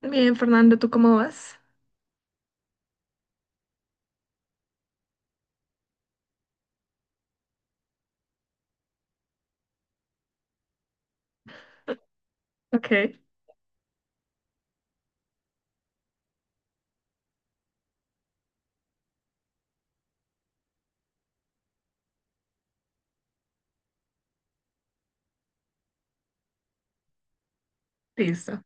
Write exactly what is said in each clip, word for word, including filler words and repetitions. Bien, Fernando, ¿tú cómo vas? Ok, listo.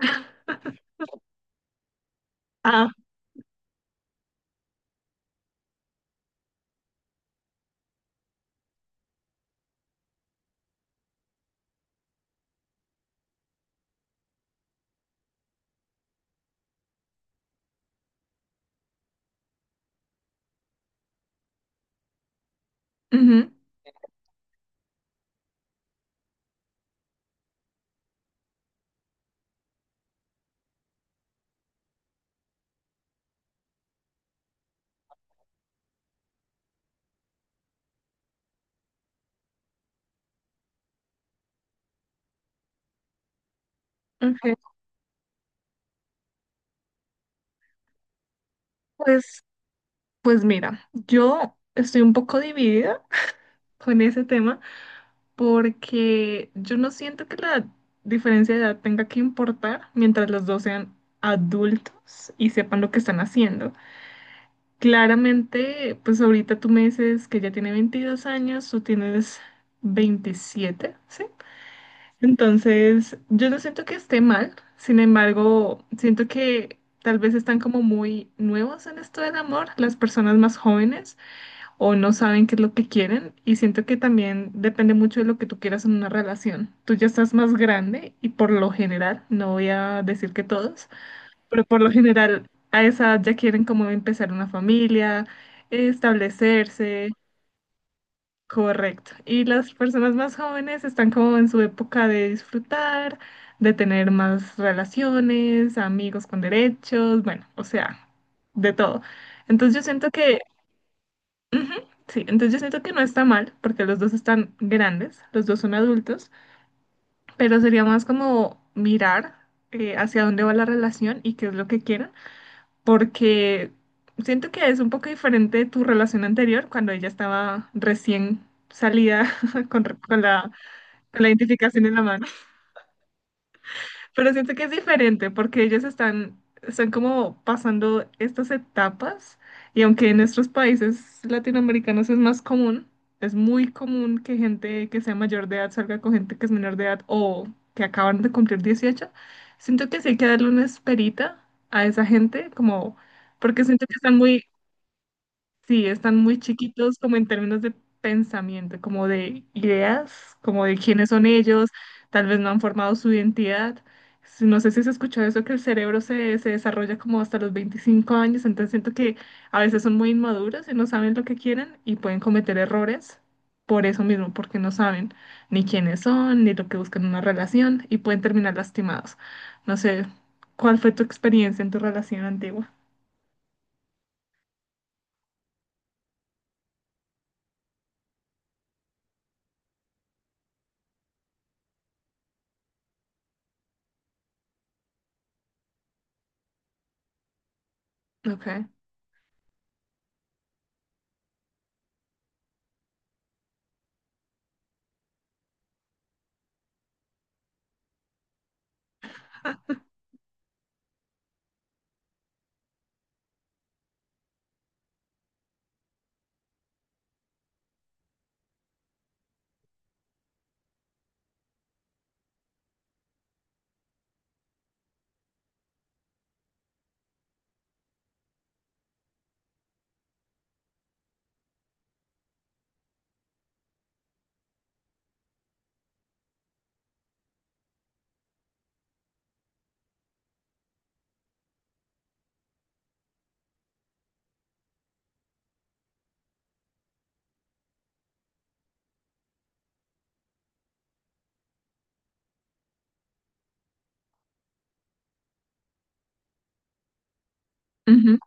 Ah, ujú, ok. Pues, pues mira, yo estoy un poco dividida con ese tema porque yo no siento que la diferencia de edad tenga que importar mientras los dos sean adultos y sepan lo que están haciendo. Claramente, pues ahorita tú me dices que ya tiene veintidós años, tú tienes veintisiete, ¿sí? Entonces, yo no siento que esté mal, sin embargo, siento que tal vez están como muy nuevos en esto del amor, las personas más jóvenes, o no saben qué es lo que quieren, y siento que también depende mucho de lo que tú quieras en una relación. Tú ya estás más grande y por lo general, no voy a decir que todos, pero por lo general a esa edad ya quieren como empezar una familia, establecerse. Correcto. Y las personas más jóvenes están como en su época de disfrutar, de tener más relaciones, amigos con derechos, bueno, o sea, de todo. Entonces yo siento que, sí, entonces yo siento que no está mal, porque los dos están grandes, los dos son adultos, pero sería más como mirar eh, hacia dónde va la relación y qué es lo que quieren, porque siento que es un poco diferente tu relación anterior cuando ella estaba recién salida con, con la la identificación en la mano. Pero siento que es diferente porque ellos están, están como pasando estas etapas y aunque en nuestros países latinoamericanos es más común, es muy común que gente que sea mayor de edad salga con gente que es menor de edad o que acaban de cumplir dieciocho, siento que sí hay que darle una esperita a esa gente como porque siento que están muy. Sí, están muy chiquitos como en términos de pensamiento, como de ideas, como de quiénes son ellos, tal vez no han formado su identidad. Si- No sé si se escuchó eso, que el cerebro se, se desarrolla como hasta los veinticinco años, entonces siento que a veces son muy inmaduros y no saben lo que quieren y pueden cometer errores por eso mismo, porque no saben ni quiénes son, ni lo que buscan en una relación y pueden terminar lastimados. No sé, ¿cuál fue tu experiencia en tu relación antigua? Ok. Ujú,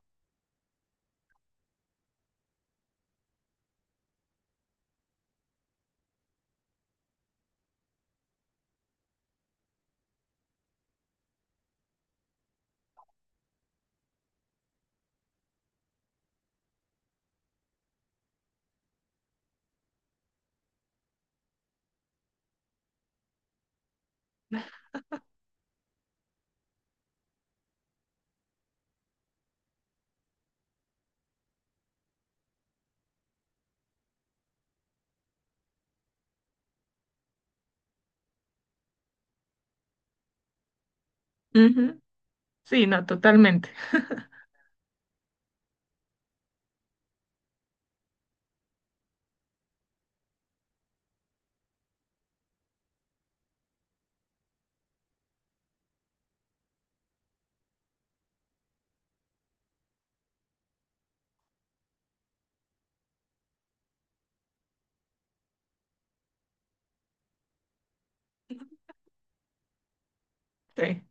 ujú. Sí, no, totalmente. Sí.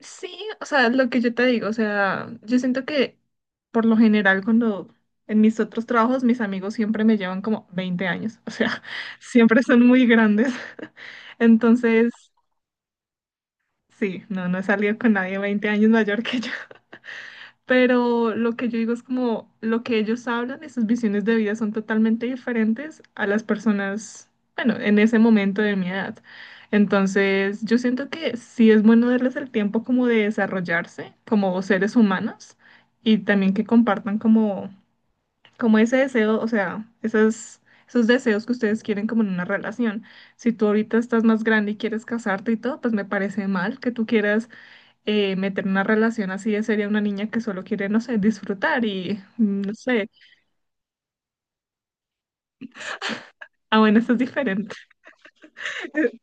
Sí, o sea, lo que yo te digo, o sea, yo siento que por lo general cuando en mis otros trabajos mis amigos siempre me llevan como veinte años, o sea, siempre son muy grandes. Entonces, sí, no, no he salido con nadie veinte años mayor que yo. Pero lo que yo digo es como lo que ellos hablan y sus visiones de vida son totalmente diferentes a las personas, bueno, en ese momento de mi edad. Entonces, yo siento que sí es bueno darles el tiempo como de desarrollarse como seres humanos y también que compartan como, como, ese deseo, o sea, esas, esos deseos que ustedes quieren como en una relación. Si tú ahorita estás más grande y quieres casarte y todo, pues me parece mal que tú quieras eh, meter una relación así ya sería una niña que solo quiere, no sé, disfrutar y mm, no sé. Ah, bueno, esto es diferente.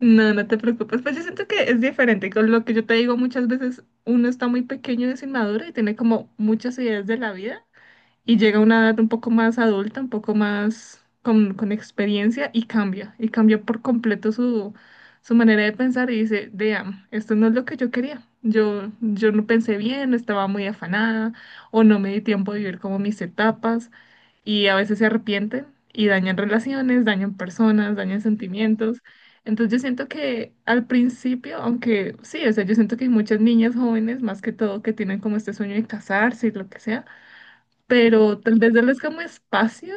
No, no te preocupes. Pues yo siento que es diferente. Con lo que yo te digo muchas veces, uno está muy pequeño y es inmaduro y tiene como muchas ideas de la vida. Y llega a una edad un poco más adulta, un poco más con, con experiencia y cambia, y cambia por completo su, su manera de pensar y dice, damn, esto no es lo que yo quería. Yo, yo no pensé bien, no estaba muy afanada o no me di tiempo de vivir como mis etapas y a veces se arrepienten y dañan relaciones, dañan personas, dañan sentimientos. Entonces yo siento que al principio, aunque sí, o sea, yo siento que hay muchas niñas jóvenes, más que todo, que tienen como este sueño de casarse y lo que sea, pero tal vez darles como espacio,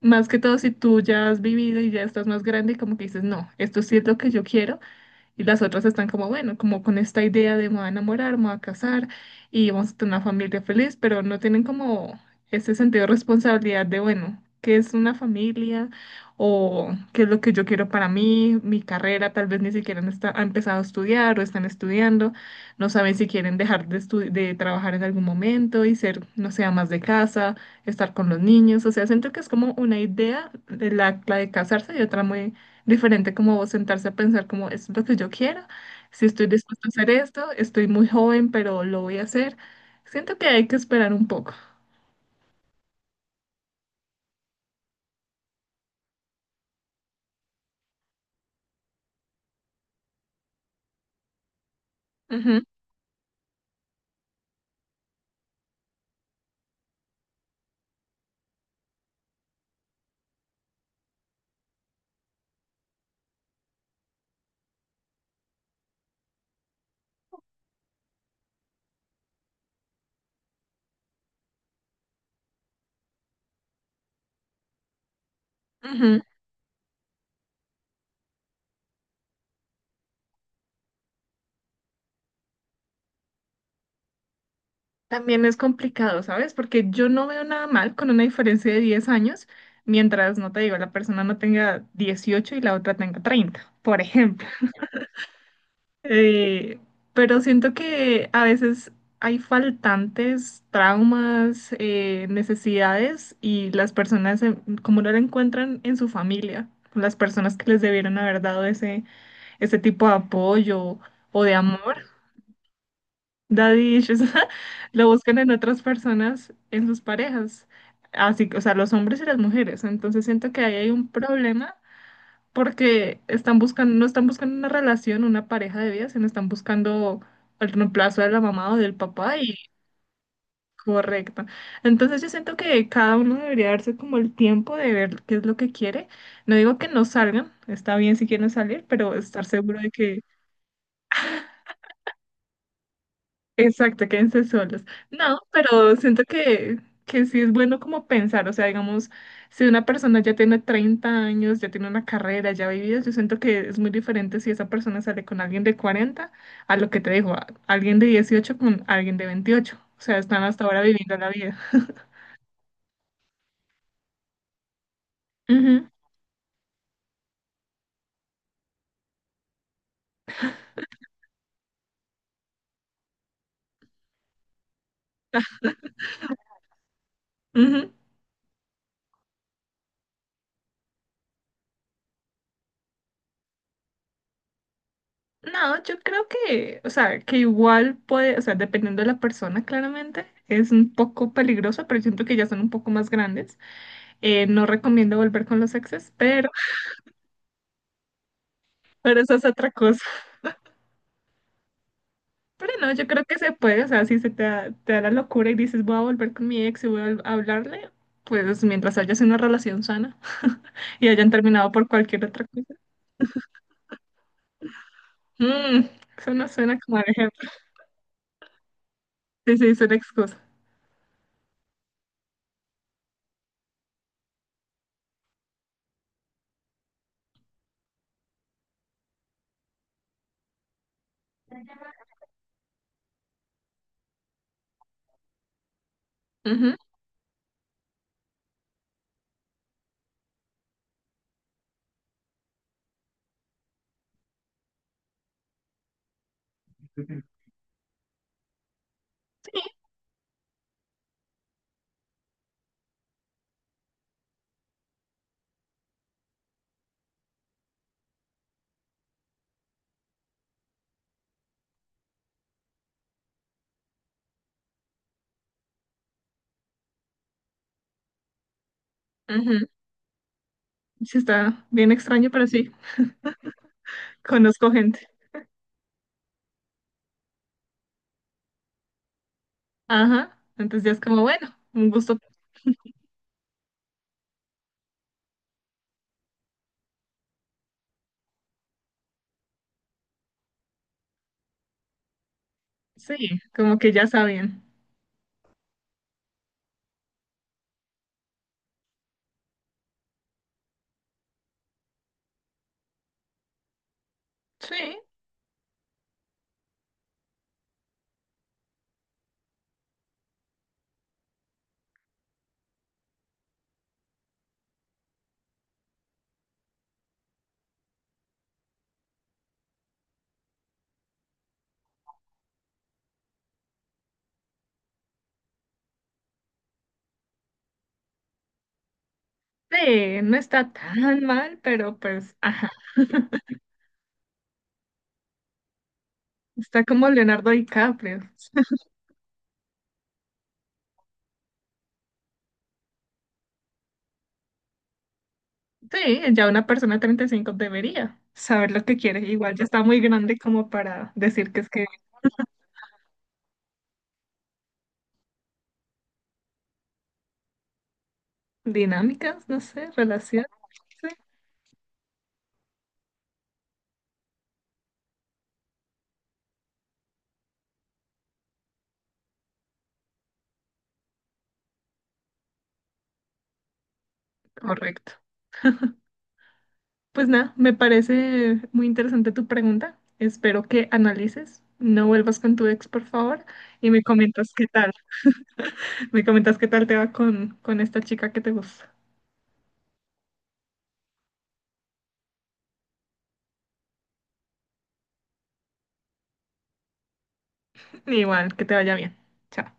más que todo si tú ya has vivido y ya estás más grande y como que dices, no, esto sí es lo que yo quiero, y las otras están como, bueno, como con esta idea de me voy a enamorar, me voy a casar y vamos a tener una familia feliz, pero no tienen como ese sentido de responsabilidad de, bueno, qué es una familia o qué es lo que yo quiero para mí, mi carrera, tal vez ni siquiera han esta- han empezado a estudiar o están estudiando, no saben si quieren dejar de, estu- de trabajar en algún momento y ser, no sé, más de casa, estar con los niños, o sea, siento que es como una idea de la, la de casarse y otra muy diferente como sentarse a pensar como es lo que yo quiero, si estoy dispuesto a hacer esto, estoy muy joven, pero lo voy a hacer. Siento que hay que esperar un poco. Ujú, ujú. También es complicado, ¿sabes? Porque yo no veo nada mal con una diferencia de diez años, mientras, no te digo, la persona no tenga dieciocho y la otra tenga treinta por ejemplo. Eh, pero siento que a veces hay faltantes, traumas, eh, necesidades y las personas eh, como no la encuentran en su familia, las personas que les debieron haber dado ese, ese, tipo de apoyo o de amor, daddy issues, lo buscan en otras personas, en sus parejas, así, que, o sea, los hombres y las mujeres. Entonces siento que ahí hay un problema porque están buscando, no están buscando una relación, una pareja de vida, sino están buscando el reemplazo de la mamá o del papá y. Correcto. Entonces yo siento que cada uno debería darse como el tiempo de ver qué es lo que quiere. No digo que no salgan, está bien si quieren salir, pero estar seguro de que. Exacto, quédense solos. No, pero siento que, que sí es bueno como pensar, o sea, digamos, si una persona ya tiene treinta años, ya tiene una carrera, ya ha vivido, yo siento que es muy diferente si esa persona sale con alguien de cuarenta a lo que te digo, a- alguien de dieciocho con alguien de veintiocho. O sea, están hasta ahora viviendo la vida. Ujú, ujú. No, yo creo que, o sea, que igual puede, o sea, dependiendo de la persona, claramente, es un poco peligroso, pero siento que ya son un poco más grandes. Eh, no recomiendo volver con los exes, pero, pero eso es otra cosa. Pero no, yo creo que se puede, o sea, si se te da, te da la locura y dices voy a volver con mi ex y voy a vol- a hablarle, pues mientras haya sido una relación sana y hayan terminado por cualquier otra cosa. Mm, eso no suena como al ejemplo. Sí, sí, es una excusa. Ujú, sí, ujú. Sí, está bien extraño, pero sí, conozco gente. Ajá, entonces ya es como, bueno, un gusto. Sí, como que ya sabían. Sí, sí, no está tan mal, pero pues, ah. Está como Leonardo DiCaprio. Sí, ya una persona de treinta y cinco debería saber lo que quiere. Igual ya está muy grande como para decir que es que. Dinámicas, no sé, relación. Sí, correcto. Pues nada, me parece muy interesante tu pregunta. Espero que analices. No vuelvas con tu ex, por favor, y me comentas qué tal. Me comentas qué tal te va con, con esta chica que te gusta. Igual, que te vaya bien. Chao.